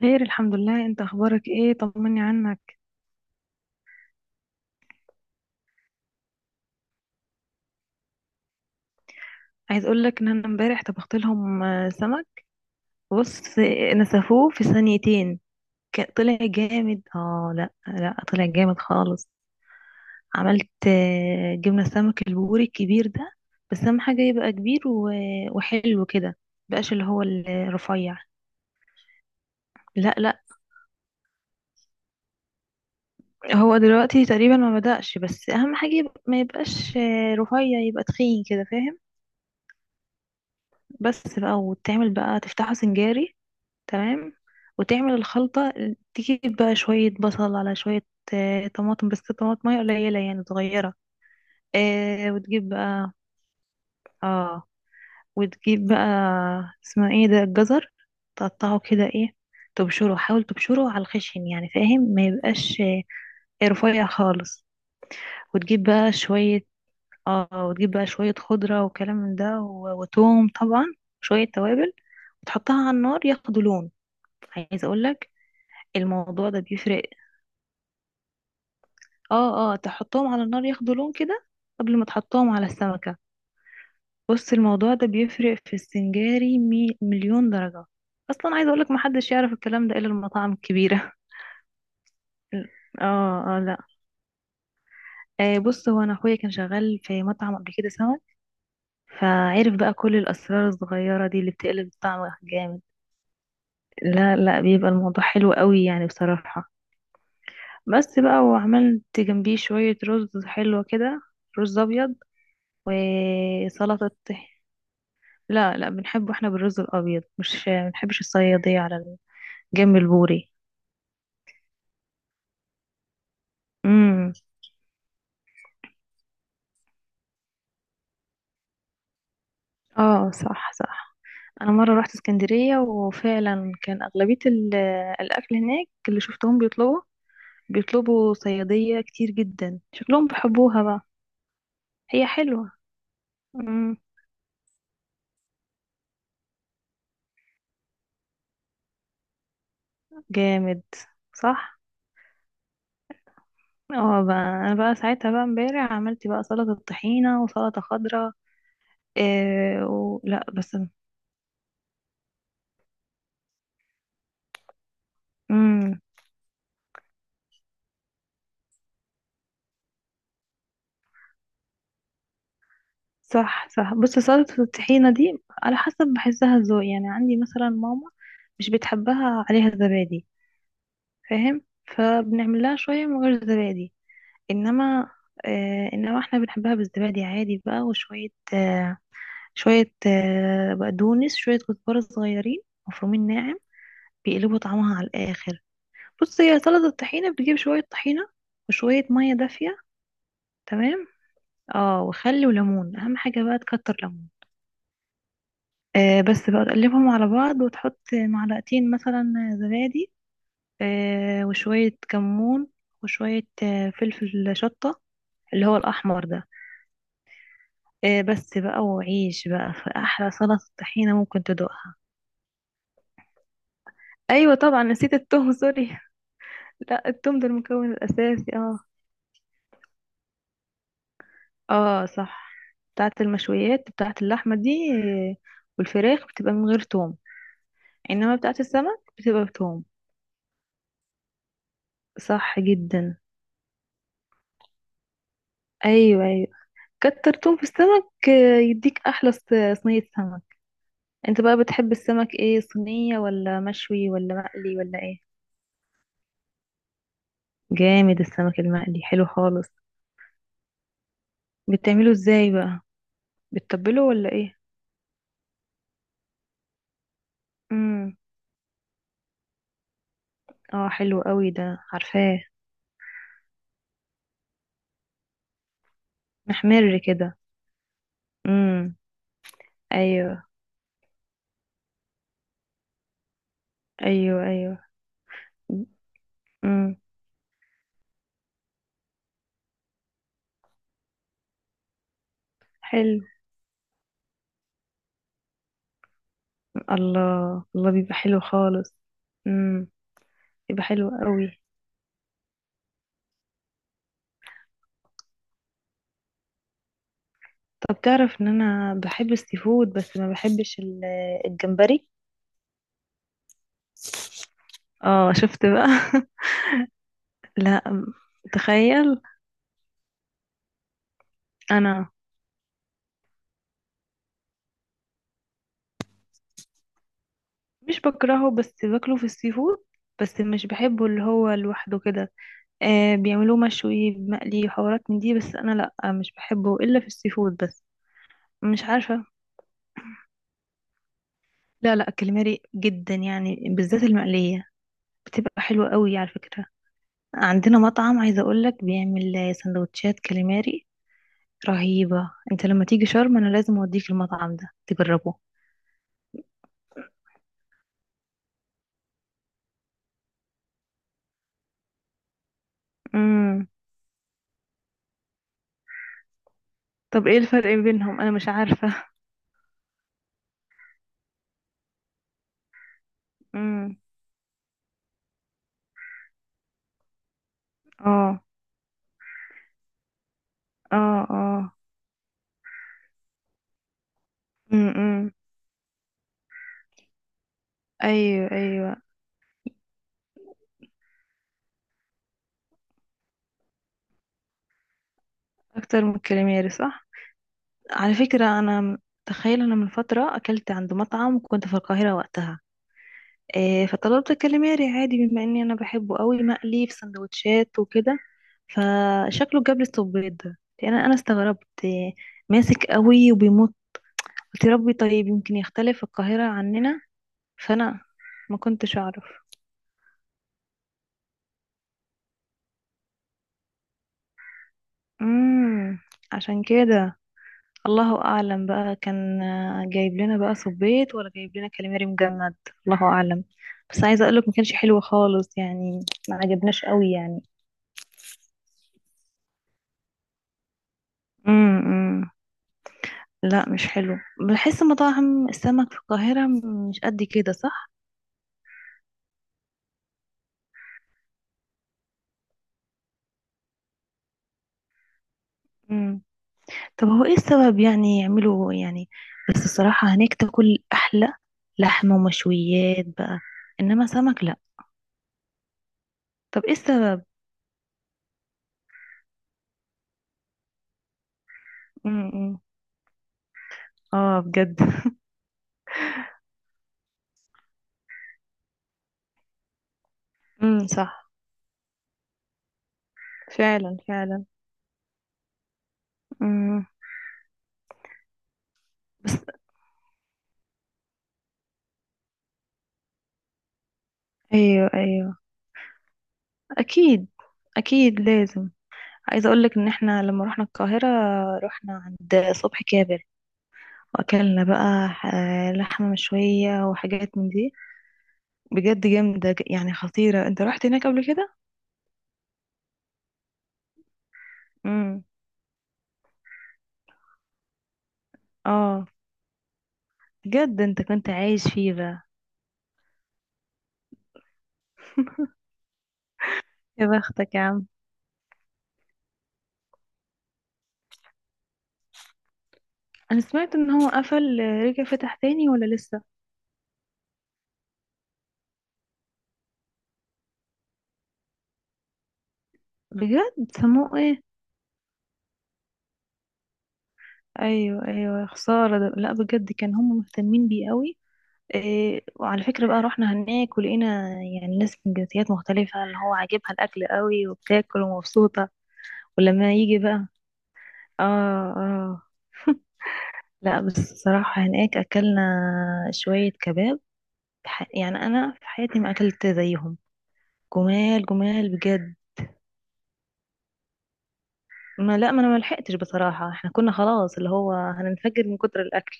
خير، الحمد لله. انت اخبارك ايه؟ طمني عنك. عايز اقول لك ان انا امبارح طبخت لهم سمك. بص، نسفوه في ثانيتين. طلع جامد. اه، لا لا، طلع جامد خالص. عملت جبنة سمك البوري الكبير ده. بس اهم حاجة يبقى كبير وحلو كده. مبقاش اللي هو الرفيع. لا لا. هو دلوقتي تقريبا ما بدأش، بس اهم حاجة يبقى ما يبقاش رفيع، يبقى تخين كده، فاهم؟ بس بقى وتعمل بقى تفتحه سنجاري. تمام. وتعمل الخلطة. تجيب بقى شوية بصل على شوية طماطم، بس طماطمية قليلة يعني، صغيرة. وتجيب بقى. اه. وتجيب بقى. اسمه ايه ده؟ الجزر. تقطعه كده، ايه، تبشره. حاول تبشره على الخشن يعني، فاهم؟ ما يبقاش رفيع خالص. وتجيب بقى شوية. اه وتجيب بقى شوية خضرة وكلام من ده وتوم طبعا. شوية توابل. وتحطها على النار ياخدوا لون. عايز اقولك، الموضوع ده بيفرق. اه اه، تحطهم على النار ياخدوا لون كده قبل ما تحطهم على السمكة. بص، الموضوع ده بيفرق في السنجاري مليون درجة. اصلا عايزة اقولك، محدش يعرف الكلام ده الا المطاعم الكبيرة. اه اه. لا. بص، هو انا اخويا كان شغال في مطعم قبل كده سمك. فعرف بقى كل الاسرار الصغيرة دي اللي بتقلب الطعم جامد. لا لا، بيبقى الموضوع حلو قوي يعني بصراحة. بس بقى، وعملت جنبيه شوية رز حلوة كده. رز ابيض. وسلطة. لا لا، بنحبه احنا بالرز الابيض، مش بنحبش الصياديه على الجنب البوري. امم. اه، صح صح. انا مره رحت اسكندريه، وفعلا كان اغلبيه الاكل هناك اللي شفتهم بيطلبوا بيطلبوا صياديه كتير جدا، شكلهم بيحبوها بقى. هي حلوه. امم. جامد. صح. اه بقى، انا بقى ساعتها بقى امبارح عملت بقى سلطه طحينه وسلطه خضراء. إيه ولا بس. امم. صح صح. بص، سلطة الطحينة دي على حسب، بحسها ذوق يعني. عندي مثلا ماما مش بتحبها عليها زبادي، فاهم؟ فبنعمل لها شوية من غير زبادي. انما، انما احنا بنحبها بالزبادي عادي بقى، وشوية آه شوية بقدونس، شوية كزبرة صغيرين مفرومين ناعم، بيقلبوا طعمها على الآخر. بص، هي سلطة الطحينة بتجيب شوية طحينة وشوية مية دافية، تمام، اه، وخل وليمون، اهم حاجة بقى تكتر ليمون. بس بقى تقلبهم على بعض وتحط معلقتين مثلا زبادي، وشوية كمون، وشوية فلفل شطة، اللي هو الأحمر ده. بس بقى وعيش بقى، في أحلى سلطة طحينة ممكن تدوقها. أيوة طبعا، نسيت التوم، سوري. لا، التوم ده المكون الأساسي، اه. اه، صح. بتاعت المشويات، بتاعت اللحمة دي، آه، والفراخ بتبقى من غير توم. إنما بتاعت السمك بتبقى بتوم. صح جدا. أيوة أيوة. كتر تون في السمك يديك احلى صينية سمك. انت بقى بتحب السمك ايه، صينية ولا مشوي ولا مقلي ولا ايه؟ جامد، السمك المقلي حلو خالص. بتعمله ازاي بقى؟ بتتبله ولا ايه؟ امم. اه، حلو قوي ده، عارفاه. محمر كده. امم. ايوه ايوه. ايوه. امم. حلو. الله الله، بيبقى حلو خالص. امم. بيبقى حلو قوي. طب تعرف ان انا بحب السي فود، بس ما بحبش الجمبري. اه، شفت بقى. لا. تخيل. انا مش بكرهه، بس باكله في السي فود، بس مش بحبه اللي هو لوحده كده. بيعملوه مشوي، مقلي، وحوارات من دي، بس انا لا، مش بحبه الا في السي فود بس. مش عارفه. لا لا، كاليماري جدا يعني بالذات المقليه، بتبقى حلوه قوي على فكره. عندنا مطعم عايزه اقول لك بيعمل سندوتشات كاليماري رهيبه. انت لما تيجي شرم انا لازم اوديك المطعم ده تجربه. مم. طب ايه الفرق بينهم؟ انا مش عارفة. امم. اه اه اه. امم. ايوه ايوه. اكتر من الكاليماري، صح. على فكرة انا، تخيل، انا من فترة اكلت عند مطعم كنت في القاهرة وقتها. إيه، فطلبت الكاليماري عادي بما اني انا بحبه قوي مقلي في سندوتشات وكده. فشكله جاب لي الصبيط ده، لان انا استغربت، إيه، ماسك قوي وبيمط. قلت يا ربي، طيب يمكن يختلف القاهرة عننا، فانا ما كنتش اعرف. امم. عشان كده الله اعلم بقى، كان جايب لنا بقى صبيط ولا جايب لنا كاليماري مجمد. الله اعلم. بس عايزه اقولك ما كانش حلو خالص يعني، ما عجبناش قوي يعني. امم. لا، مش حلو. بحس مطاعم السمك في القاهره مش قد كده، صح؟ امم. طب هو ايه السبب يعني، يعملوا يعني؟ بس الصراحه هناك تاكل احلى لحمه ومشويات بقى، انما سمك لا. طب ايه السبب؟ امم. اه، بجد. امم. صح. فعلا فعلا. امم. بس. ايوه ايوه. اكيد. اكيد لازم. عايزه اقول لك ان احنا لما رحنا القاهره، رحنا عند صبحي كابر، واكلنا بقى لحمه مشويه وحاجات من دي. بجد جامده، يعني خطيره. انت رحت هناك قبل كده؟ امم. اه، بجد؟ انت كنت عايش فيه بقى؟ يا بختك يا عم. انا سمعت ان هو قفل، رجع فتح تاني ولا لسه؟ بجد سموه ايه؟ ايوه ايوه، خساره ده. لا، بجد كان هم مهتمين بيه قوي. إيه، وعلى فكرة بقى، رحنا هناك ولقينا يعني ناس من جنسيات مختلفة اللي هو عاجبها الأكل قوي وبتاكل ومبسوطة. ولما يجي بقى. اه. اه. لا، بس الصراحة هناك أكلنا شوية كباب، يعني أنا في حياتي ما أكلت زيهم. جمال جمال بجد. ما، لا، ما أنا ما لحقتش، بصراحة احنا كنا خلاص، اللي هو هننفجر من كتر الأكل.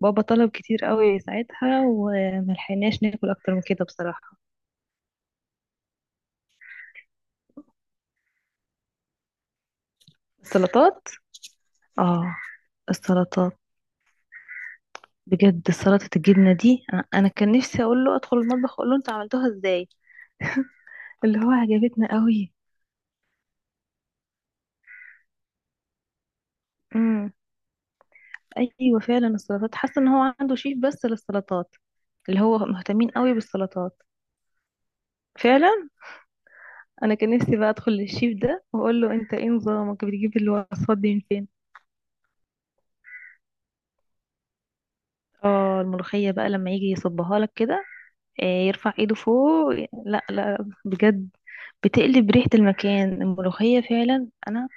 بابا طلب كتير قوي ساعتها، وما لحقناش ناكل أكتر من كده بصراحة. السلطات. اه، السلطات. بجد سلطة الجبنة دي، أنا كان نفسي أقول له أدخل المطبخ، أقول له أنت عملتوها إزاي. اللي هو عجبتنا قوي. امم. أيوة فعلا، السلطات، حاسة إن هو عنده شيف بس للسلطات. اللي هو مهتمين قوي بالسلطات. فعلا. أنا كان نفسي بقى أدخل للشيف ده وأقول له أنت إيه نظامك، بتجيب الوصفات دي من فين؟ اه، الملوخية بقى لما يجي يصبها لك كده، يرفع ايده فوق. لا لا، بجد، بتقلب ريحة المكان الملوخية. فعلا أنا